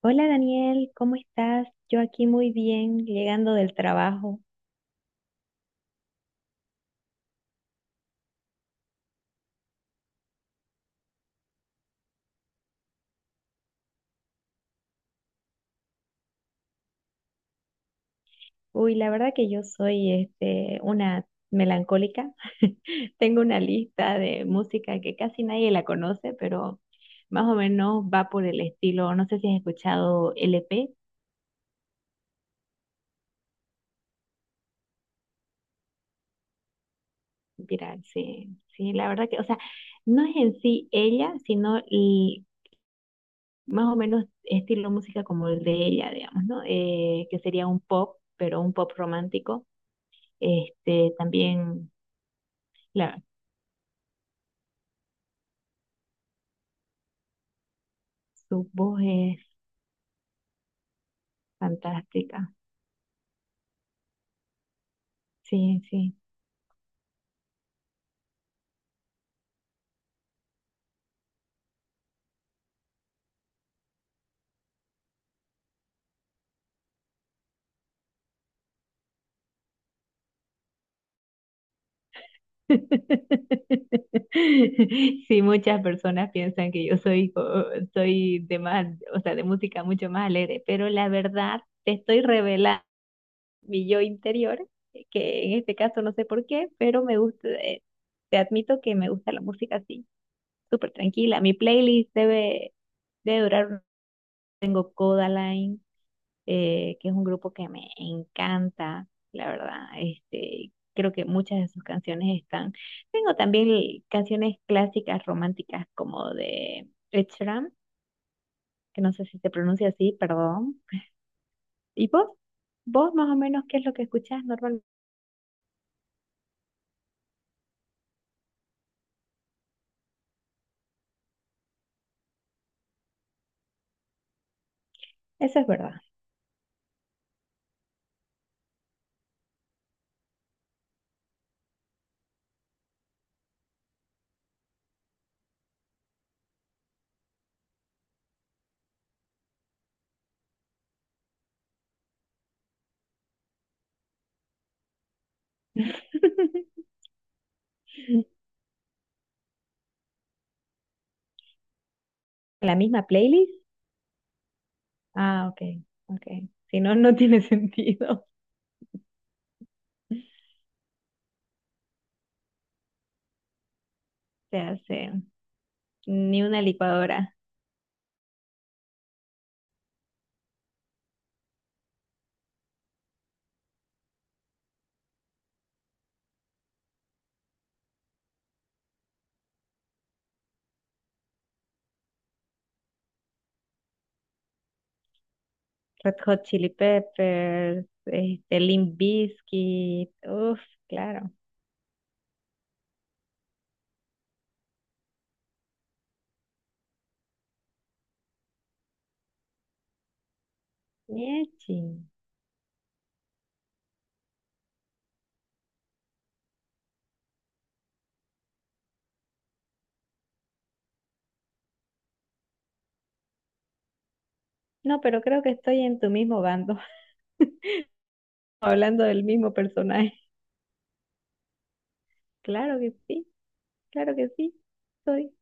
Hola Daniel, ¿cómo estás? Yo aquí muy bien, llegando del trabajo. Uy, la verdad que yo soy una melancólica. Tengo una lista de música que casi nadie la conoce, pero más o menos va por el estilo. No sé si has escuchado LP. Mira, sí, sí, la verdad que, o sea, no es en sí ella, sino más o menos estilo música como el de ella, digamos, ¿no? Que sería un pop, pero un pop romántico. También. La Su voz es fantástica. Sí, sí. Sí, muchas personas piensan que soy de más, o sea, de música mucho más alegre, pero la verdad te estoy revelando mi yo interior, que en este caso no sé por qué, pero me gusta, te admito que me gusta la música así, súper tranquila. Mi playlist debe durar, tengo Codaline, que es un grupo que me encanta, la verdad. Creo que muchas de sus canciones están. Tengo también canciones clásicas románticas como de Ed Sheeran, que no sé si se pronuncia así, perdón. ¿Y vos? ¿Vos más o menos qué es lo que escuchás normalmente? Eso es verdad. ¿La misma playlist? Ah, ok, ok. Si no, no tiene sentido. Se hace ni una licuadora. Red Hot Chili Peppers, Limp Bizkit, uff, claro, Miechi. No, pero creo que estoy en tu mismo bando, hablando del mismo personaje. Claro que sí, claro que sí, soy.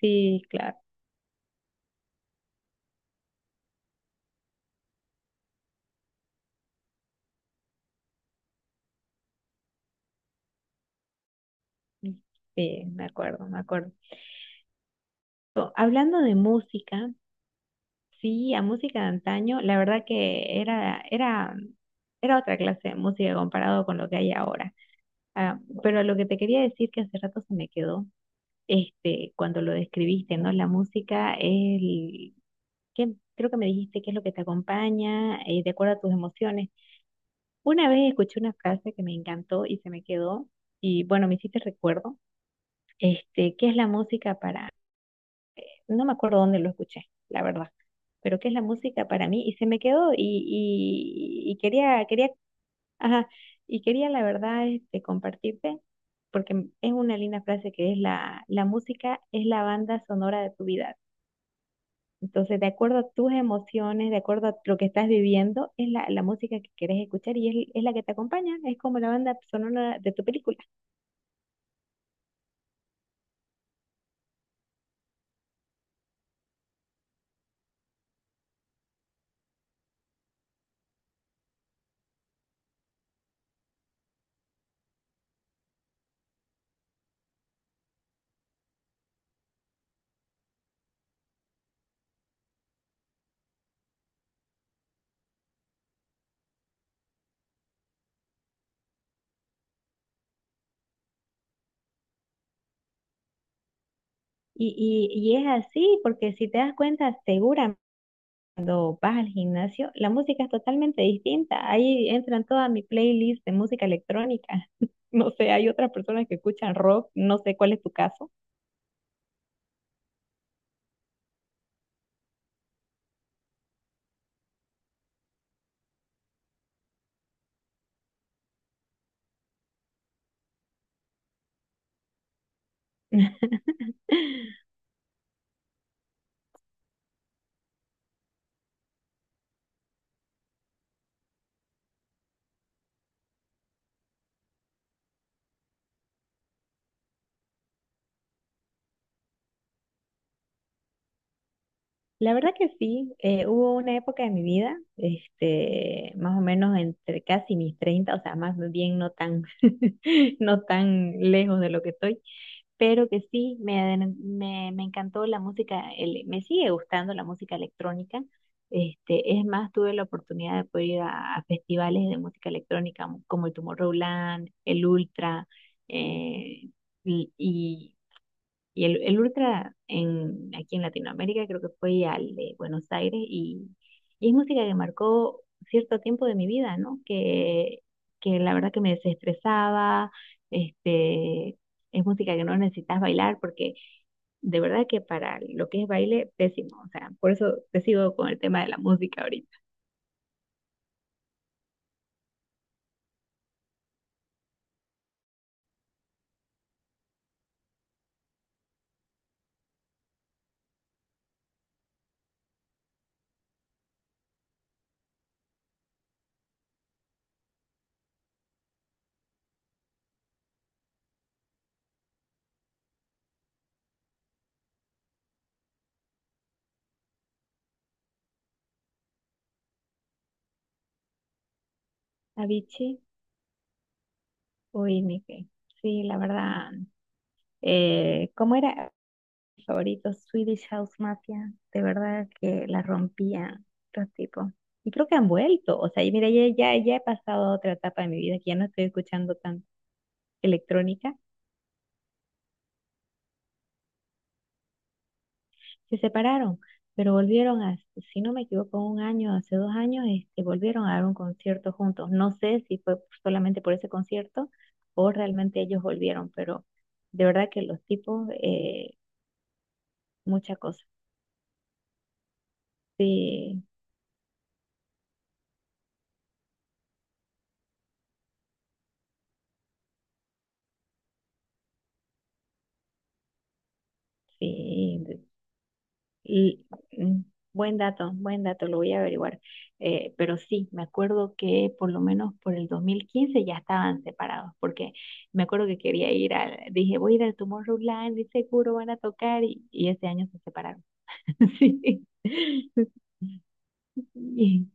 Sí, claro, sí, me acuerdo, me acuerdo. No, hablando de música, sí, a música de antaño, la verdad que era otra clase de música comparado con lo que hay ahora. Ah, pero lo que te quería decir que hace rato se me quedó cuando lo describiste, ¿no? La música es el, ¿qué? Creo que me dijiste qué es lo que te acompaña, de acuerdo a tus emociones. Una vez escuché una frase que me encantó y se me quedó, y bueno, me hiciste recuerdo, ¿qué es la música para, no me acuerdo dónde lo escuché, la verdad, pero qué es la música para mí, y se me quedó, y quería, ajá, y quería la verdad, compartirte. Porque es una linda frase que es la música es la banda sonora de tu vida. Entonces, de acuerdo a tus emociones, de acuerdo a lo que estás viviendo, es la música que quieres escuchar y es la que te acompaña, es como la banda sonora de tu película. Y es así, porque si te das cuenta, seguramente cuando vas al gimnasio, la música es totalmente distinta. Ahí entran toda mi playlist de música electrónica. No sé, hay otras personas que escuchan rock, no sé cuál es tu caso. La verdad que sí, hubo una época de mi vida, más o menos entre casi mis 30, o sea, más bien no tan, no tan lejos de lo que estoy, pero que sí, me encantó la música, me sigue gustando la música electrónica. Es más, tuve la oportunidad de poder ir a festivales de música electrónica como el Tomorrowland, el Ultra, eh, y, y el Ultra en, aquí en Latinoamérica creo que fue al de Buenos Aires, y es música que marcó cierto tiempo de mi vida, ¿no? Que la verdad que me desestresaba. este, es música que no necesitas bailar porque de verdad que para lo que es baile, pésimo. O sea, por eso te sigo con el tema de la música ahorita. Avicii o Nick. Sí, la verdad. ¿Cómo era? Favoritos, Swedish House Mafia, de verdad que la rompían los tipos. Y creo que han vuelto, o sea, y mira, ya he pasado a otra etapa de mi vida, que ya no estoy escuchando tan electrónica. Se separaron, pero volvieron a, si no me equivoco, un año, hace 2 años, volvieron a dar un concierto juntos. No sé si fue solamente por ese concierto o realmente ellos volvieron, pero de verdad que los tipos, mucha cosa. Sí, sí. Y mm, buen dato, lo voy a averiguar. Pero sí, me acuerdo que por lo menos por el 2015 ya estaban separados, porque me acuerdo que quería ir al, dije, voy a ir al Tomorrowland y seguro van a tocar, y ese año se separaron. Sí, y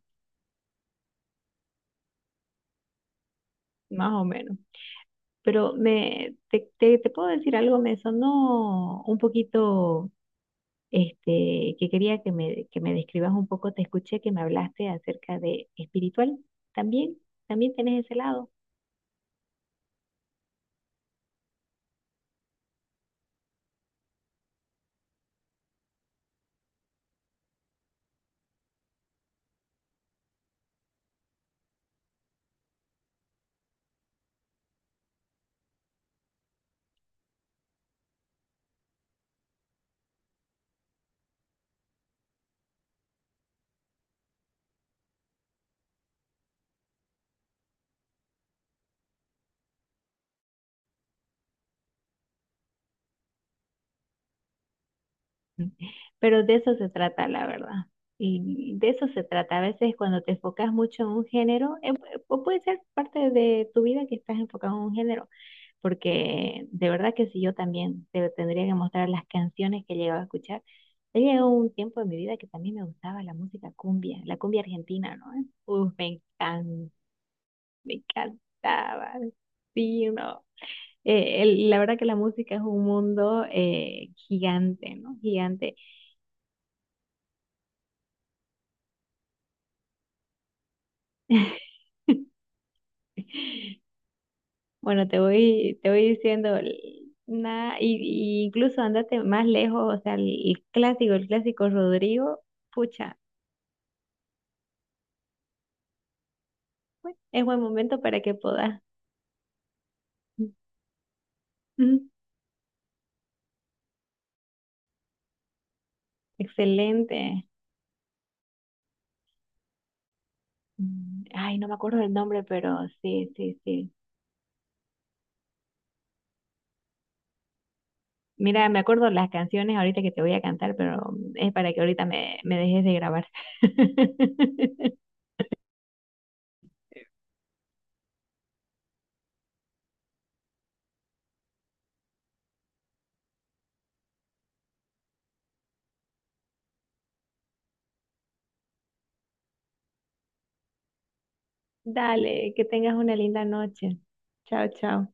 más o menos. Pero te puedo decir algo, me sonó un poquito. Que quería que me describas un poco, te escuché que me hablaste acerca de espiritual, también, también tenés ese lado. Pero de eso se trata, la verdad. Y de eso se trata. A veces cuando te enfocas mucho en un género, o puede ser parte de tu vida que estás enfocado en un género, porque de verdad que si yo también te tendría que mostrar las canciones que llegaba a escuchar, he llegado un tiempo en mi vida que también me gustaba la música cumbia, la cumbia argentina, ¿no? Uf, encanta me encantaba. Sí, no. La verdad que la música es un mundo gigante, ¿no? Gigante. Bueno, te voy diciendo, nada, y incluso andate más lejos, o sea, el clásico Rodrigo, pucha, bueno, es buen momento para que puedas. Ujú. Excelente. Ay, no me acuerdo del nombre, pero sí, sí, sí. Mira, me acuerdo las canciones ahorita que te voy a cantar, pero es para que ahorita me dejes de grabar. Dale, que tengas una linda noche. Chao, chao.